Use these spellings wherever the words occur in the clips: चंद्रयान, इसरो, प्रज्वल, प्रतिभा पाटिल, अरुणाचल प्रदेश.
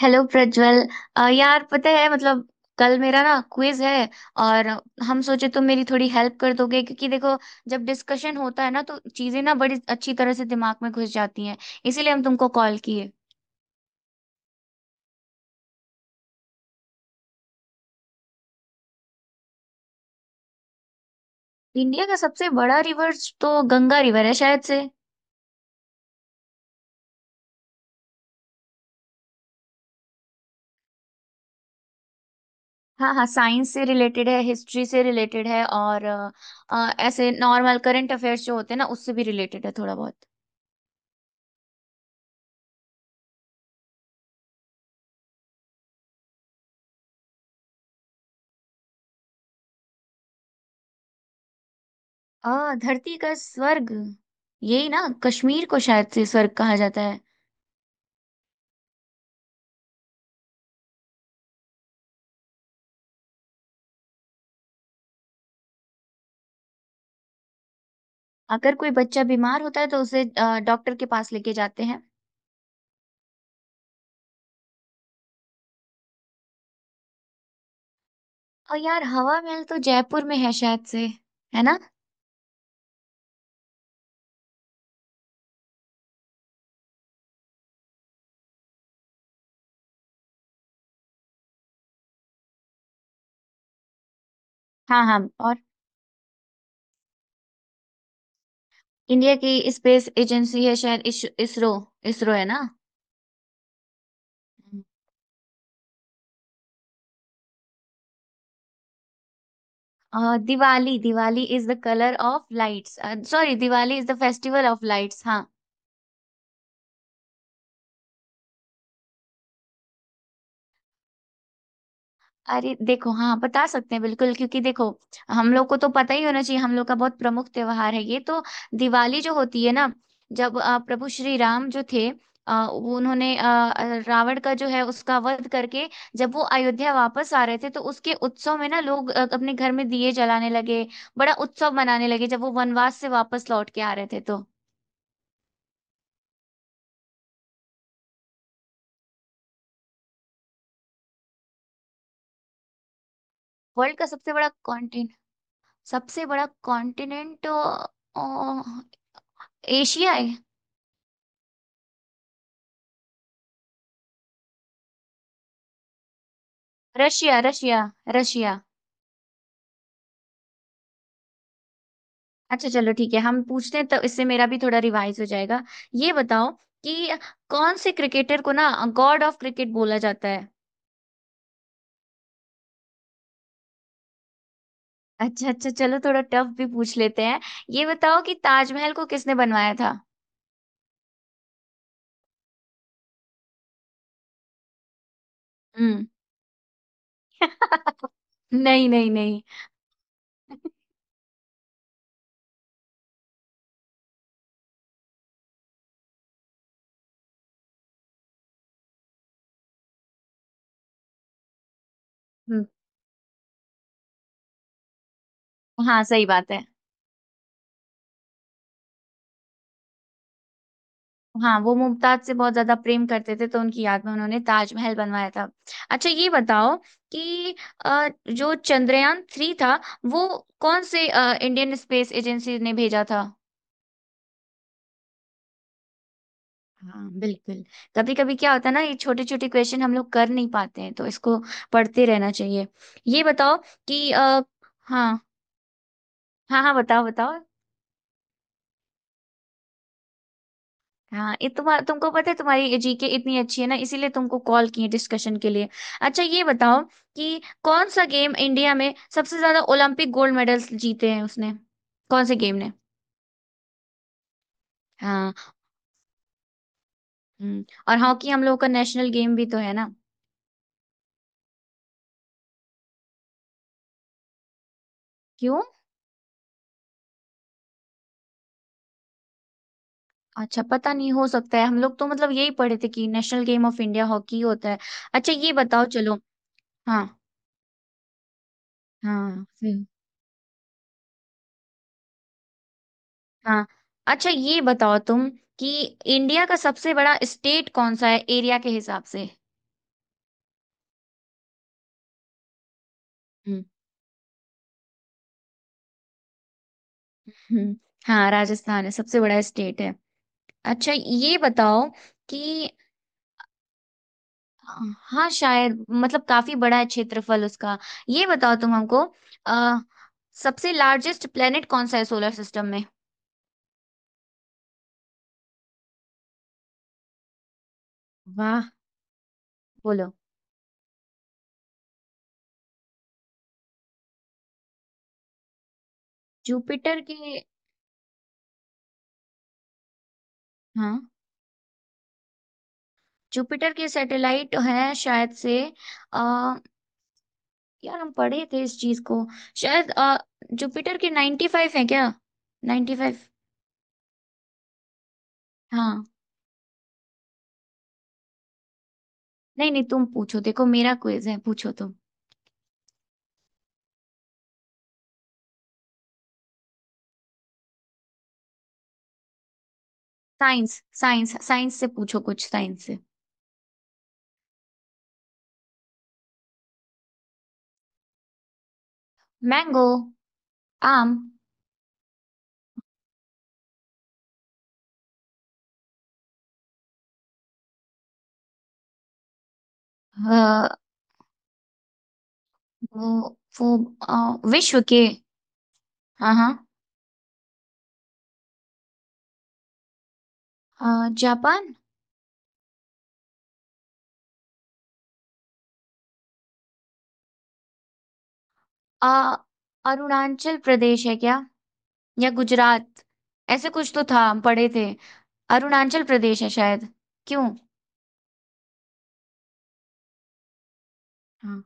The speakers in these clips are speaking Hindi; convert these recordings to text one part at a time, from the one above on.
हेलो प्रज्वल। यार, पता है, मतलब कल मेरा ना क्विज है, और हम सोचे तुम मेरी थोड़ी हेल्प कर दोगे, क्योंकि देखो, जब डिस्कशन होता है ना, तो चीजें ना बड़ी अच्छी तरह से दिमाग में घुस जाती हैं, इसीलिए हम तुमको कॉल किए। इंडिया का सबसे बड़ा रिवर, तो गंगा रिवर है शायद से। हाँ हाँ, साइंस से रिलेटेड है, हिस्ट्री से रिलेटेड है, और ऐसे नॉर्मल करंट अफेयर्स जो होते हैं ना, उससे भी रिलेटेड है थोड़ा बहुत। धरती का स्वर्ग, यही ना, कश्मीर को शायद से स्वर्ग कहा जाता है। अगर कोई बच्चा बीमार होता है तो उसे डॉक्टर के पास लेके जाते हैं। और यार, हवा महल तो जयपुर में है शायद से, है ना। हाँ हाँ। और इंडिया की स्पेस एजेंसी है शायद इसरो। इसरो है ना। Diwali, Diwali is the colour of lights. Sorry, Diwali is the festival of lights. हाँ। अरे देखो, हाँ, बता सकते हैं बिल्कुल, क्योंकि देखो, हम लोग को तो पता ही होना चाहिए। हम लोग का बहुत प्रमुख त्योहार है ये तो। दिवाली जो होती है ना, जब प्रभु श्री राम जो थे, वो, उन्होंने रावण का जो है उसका वध करके, जब वो अयोध्या वापस आ रहे थे, तो उसके उत्सव में ना लोग अपने घर में दिए जलाने लगे, बड़ा उत्सव मनाने लगे, जब वो वनवास से वापस लौट के आ रहे थे तो। वर्ल्ड का सबसे बड़ा कॉन्टिनेंट, सबसे बड़ा कॉन्टिनेंट, एशिया है। Russia, Russia. रशिया। अच्छा, चलो ठीक है, हम पूछते हैं, तो इससे मेरा भी थोड़ा रिवाइज हो जाएगा। ये बताओ कि कौन से क्रिकेटर को ना गॉड ऑफ क्रिकेट बोला जाता है। अच्छा अच्छा, चलो थोड़ा टफ भी पूछ लेते हैं। ये बताओ कि ताजमहल को किसने बनवाया था। हम्म। नहीं नहीं नहीं। हम्म, हाँ, सही बात है। हाँ, वो मुमताज से बहुत ज्यादा प्रेम करते थे, तो उनकी याद में उन्होंने ताजमहल बनवाया था। अच्छा, ये बताओ कि जो चंद्रयान 3 था, वो कौन से इंडियन स्पेस एजेंसी ने भेजा था। हाँ, बिल्कुल। कभी कभी क्या होता है ना, ये छोटे छोटे क्वेश्चन हम लोग कर नहीं पाते हैं, तो इसको पढ़ते रहना चाहिए। ये बताओ कि हाँ। हाँ हाँ, बताओ बताओ। हाँ, ये तुमको पता है, तुम्हारी GK इतनी अच्छी है ना, इसीलिए तुमको कॉल किए डिस्कशन के लिए। अच्छा, ये बताओ कि कौन सा गेम इंडिया में सबसे ज्यादा ओलंपिक गोल्ड मेडल्स जीते हैं उसने, कौन से गेम ने। हाँ। हम्म, और हॉकी हम लोगों का नेशनल गेम भी तो है ना। क्यों। अच्छा, पता नहीं, हो सकता है, हम लोग तो मतलब यही पढ़े थे कि national game of India hockey होता है। अच्छा, ये बताओ चलो। हाँ हाँ हाँ। अच्छा, ये बताओ तुम कि इंडिया का सबसे बड़ा स्टेट कौन सा है, एरिया के हिसाब से। हम्म। हम्म। हाँ, राजस्थान है, सबसे बड़ा स्टेट है। अच्छा, ये बताओ कि, हाँ शायद, मतलब काफी बड़ा है क्षेत्रफल उसका। ये बताओ तुम हमको, अ, सबसे लार्जेस्ट प्लेनेट कौन सा है सोलर सिस्टम में। वाह। बोलो। जुपिटर के। हाँ, जुपिटर के सैटेलाइट हैं शायद से। आ, यार, हम पढ़े थे इस चीज को, शायद। जुपिटर के 95 है क्या, 95। हाँ। नहीं नहीं, तुम पूछो, देखो मेरा क्विज है, पूछो तुम। साइंस, साइंस, साइंस से पूछो कुछ, साइंस से। मैंगो। आम। अ, वो वो विश्व के। हाँ हाँ। जापान। अ, अरुणाचल प्रदेश है क्या, या गुजरात? ऐसे कुछ तो था, हम पढ़े थे। अरुणाचल प्रदेश है शायद। क्यों। हाँ।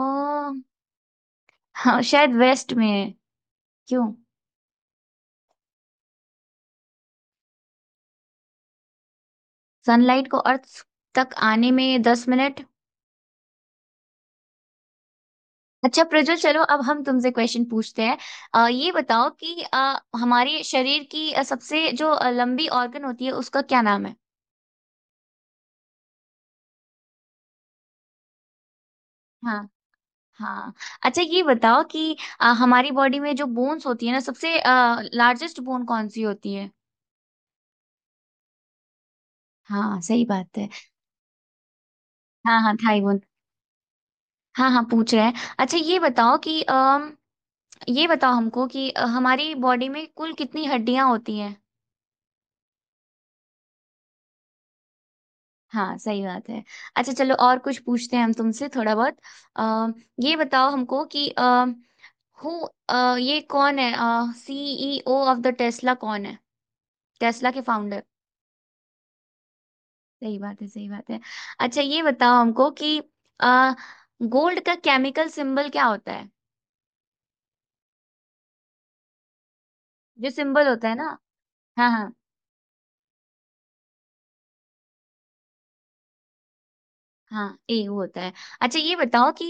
ओ, हाँ, शायद वेस्ट में है। क्यों। सनलाइट को अर्थ तक आने में 10 मिनट। अच्छा प्रज्वल, चलो अब हम तुमसे क्वेश्चन पूछते हैं। ये बताओ कि हमारे शरीर की सबसे जो लंबी ऑर्गन होती है, उसका क्या नाम है। हाँ। हाँ। अच्छा, ये बताओ कि हमारी बॉडी में जो बोन्स होती है ना, सबसे लार्जेस्ट बोन कौन सी होती है। हाँ, सही बात है। हाँ हाँ, थाईवान। हाँ हाँ, पूछ रहे हैं। अच्छा, ये बताओ कि अम ये बताओ हमको कि हमारी बॉडी में कुल कितनी हड्डियां होती हैं। हाँ, सही बात है। अच्छा चलो, और कुछ पूछते हैं हम तुमसे थोड़ा बहुत। अम ये बताओ हमको कि हु ये कौन है, CEO ऑफ द टेस्ला कौन है, टेस्ला के फाउंडर। सही बात है, सही बात है। अच्छा, ये बताओ हमको कि गोल्ड का केमिकल सिंबल क्या होता है, जो सिंबल होता है ना। हाँ हाँ। हाँ, ए वो होता है। अच्छा, ये बताओ कि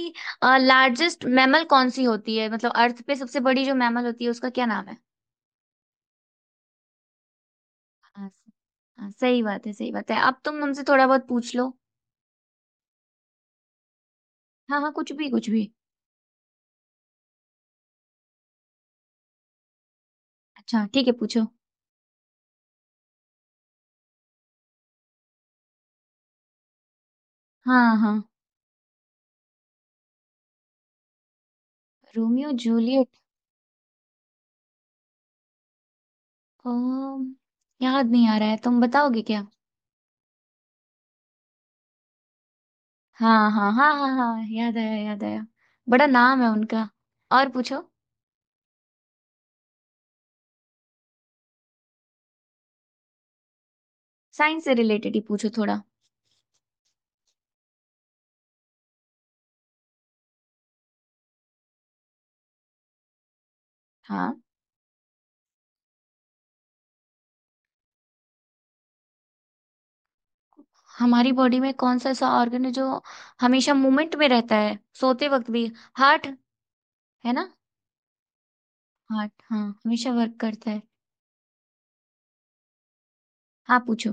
लार्जेस्ट मैमल कौन सी होती है, मतलब अर्थ पे सबसे बड़ी जो मैमल होती है, उसका क्या नाम है। हाँ स- हाँ, सही बात है, सही बात है, अब तुम हमसे थोड़ा बहुत पूछ लो। हाँ हाँ, कुछ भी कुछ भी। अच्छा ठीक है, पूछो। हाँ हाँ। Romeo Juliet. अम, याद नहीं आ रहा है, तुम बताओगे क्या। हाँ हाँ हाँ हाँ हाँ, याद आया, याद आया। बड़ा नाम है उनका। और पूछो। साइंस से रिलेटेड ही पूछो थोड़ा। हाँ। हमारी बॉडी में कौन सा ऐसा ऑर्गन है जो हमेशा मूवमेंट में रहता है, सोते वक्त भी, हार्ट, है ना। हार्ट, हाँ, हमेशा वर्क करता है। हाँ, पूछो।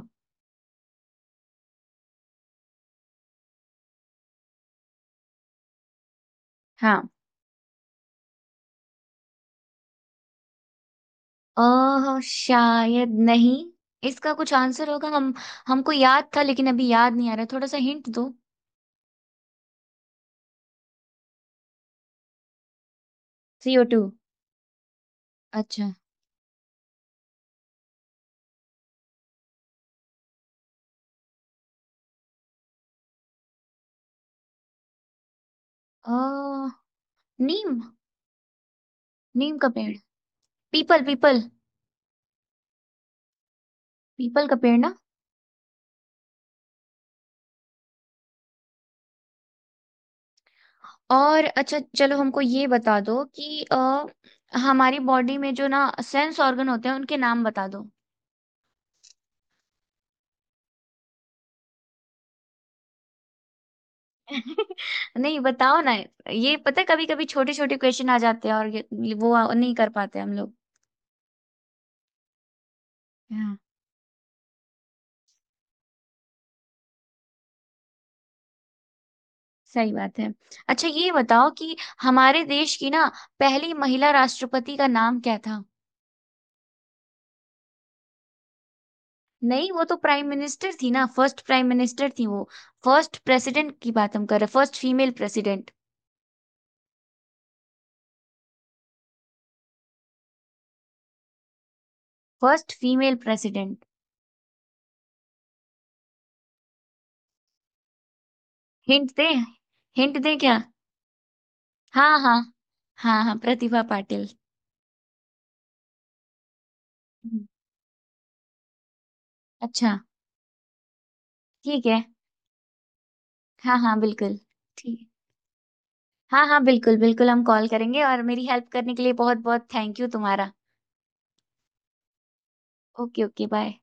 हाँ, शायद नहीं। इसका कुछ आंसर होगा, हम हमको याद था, लेकिन अभी याद नहीं आ रहा, थोड़ा सा हिंट दो। CO2। अच्छा। अ नीम। नीम का पेड़। पीपल, पीपल। पीपल का पेड़ ना। और अच्छा चलो, हमको ये बता दो कि हमारी बॉडी में जो ना सेंस ऑर्गन होते हैं, उनके नाम बता दो। नहीं, बताओ ना। ये पता, कभी कभी छोटे छोटे क्वेश्चन आ जाते हैं, और ये, वो नहीं कर पाते हम लोग। हाँ, सही बात है। अच्छा, ये बताओ कि हमारे देश की ना पहली महिला राष्ट्रपति का नाम क्या था। नहीं, वो तो प्राइम मिनिस्टर थी ना, फर्स्ट प्राइम मिनिस्टर थी वो। फर्स्ट प्रेसिडेंट की बात हम कर रहे हैं, first female president. First female president. Hint दे, हिंट दे क्या। हाँ हाँ, हाँ हाँ, प्रतिभा पाटिल। हम्म। अच्छा ठीक है। हाँ हाँ, बिल्कुल। ठीक। हाँ हाँ, बिल्कुल बिल्कुल, हम कॉल करेंगे, और मेरी हेल्प करने के लिए बहुत बहुत थैंक यू तुम्हारा। ओके। Okay, bye.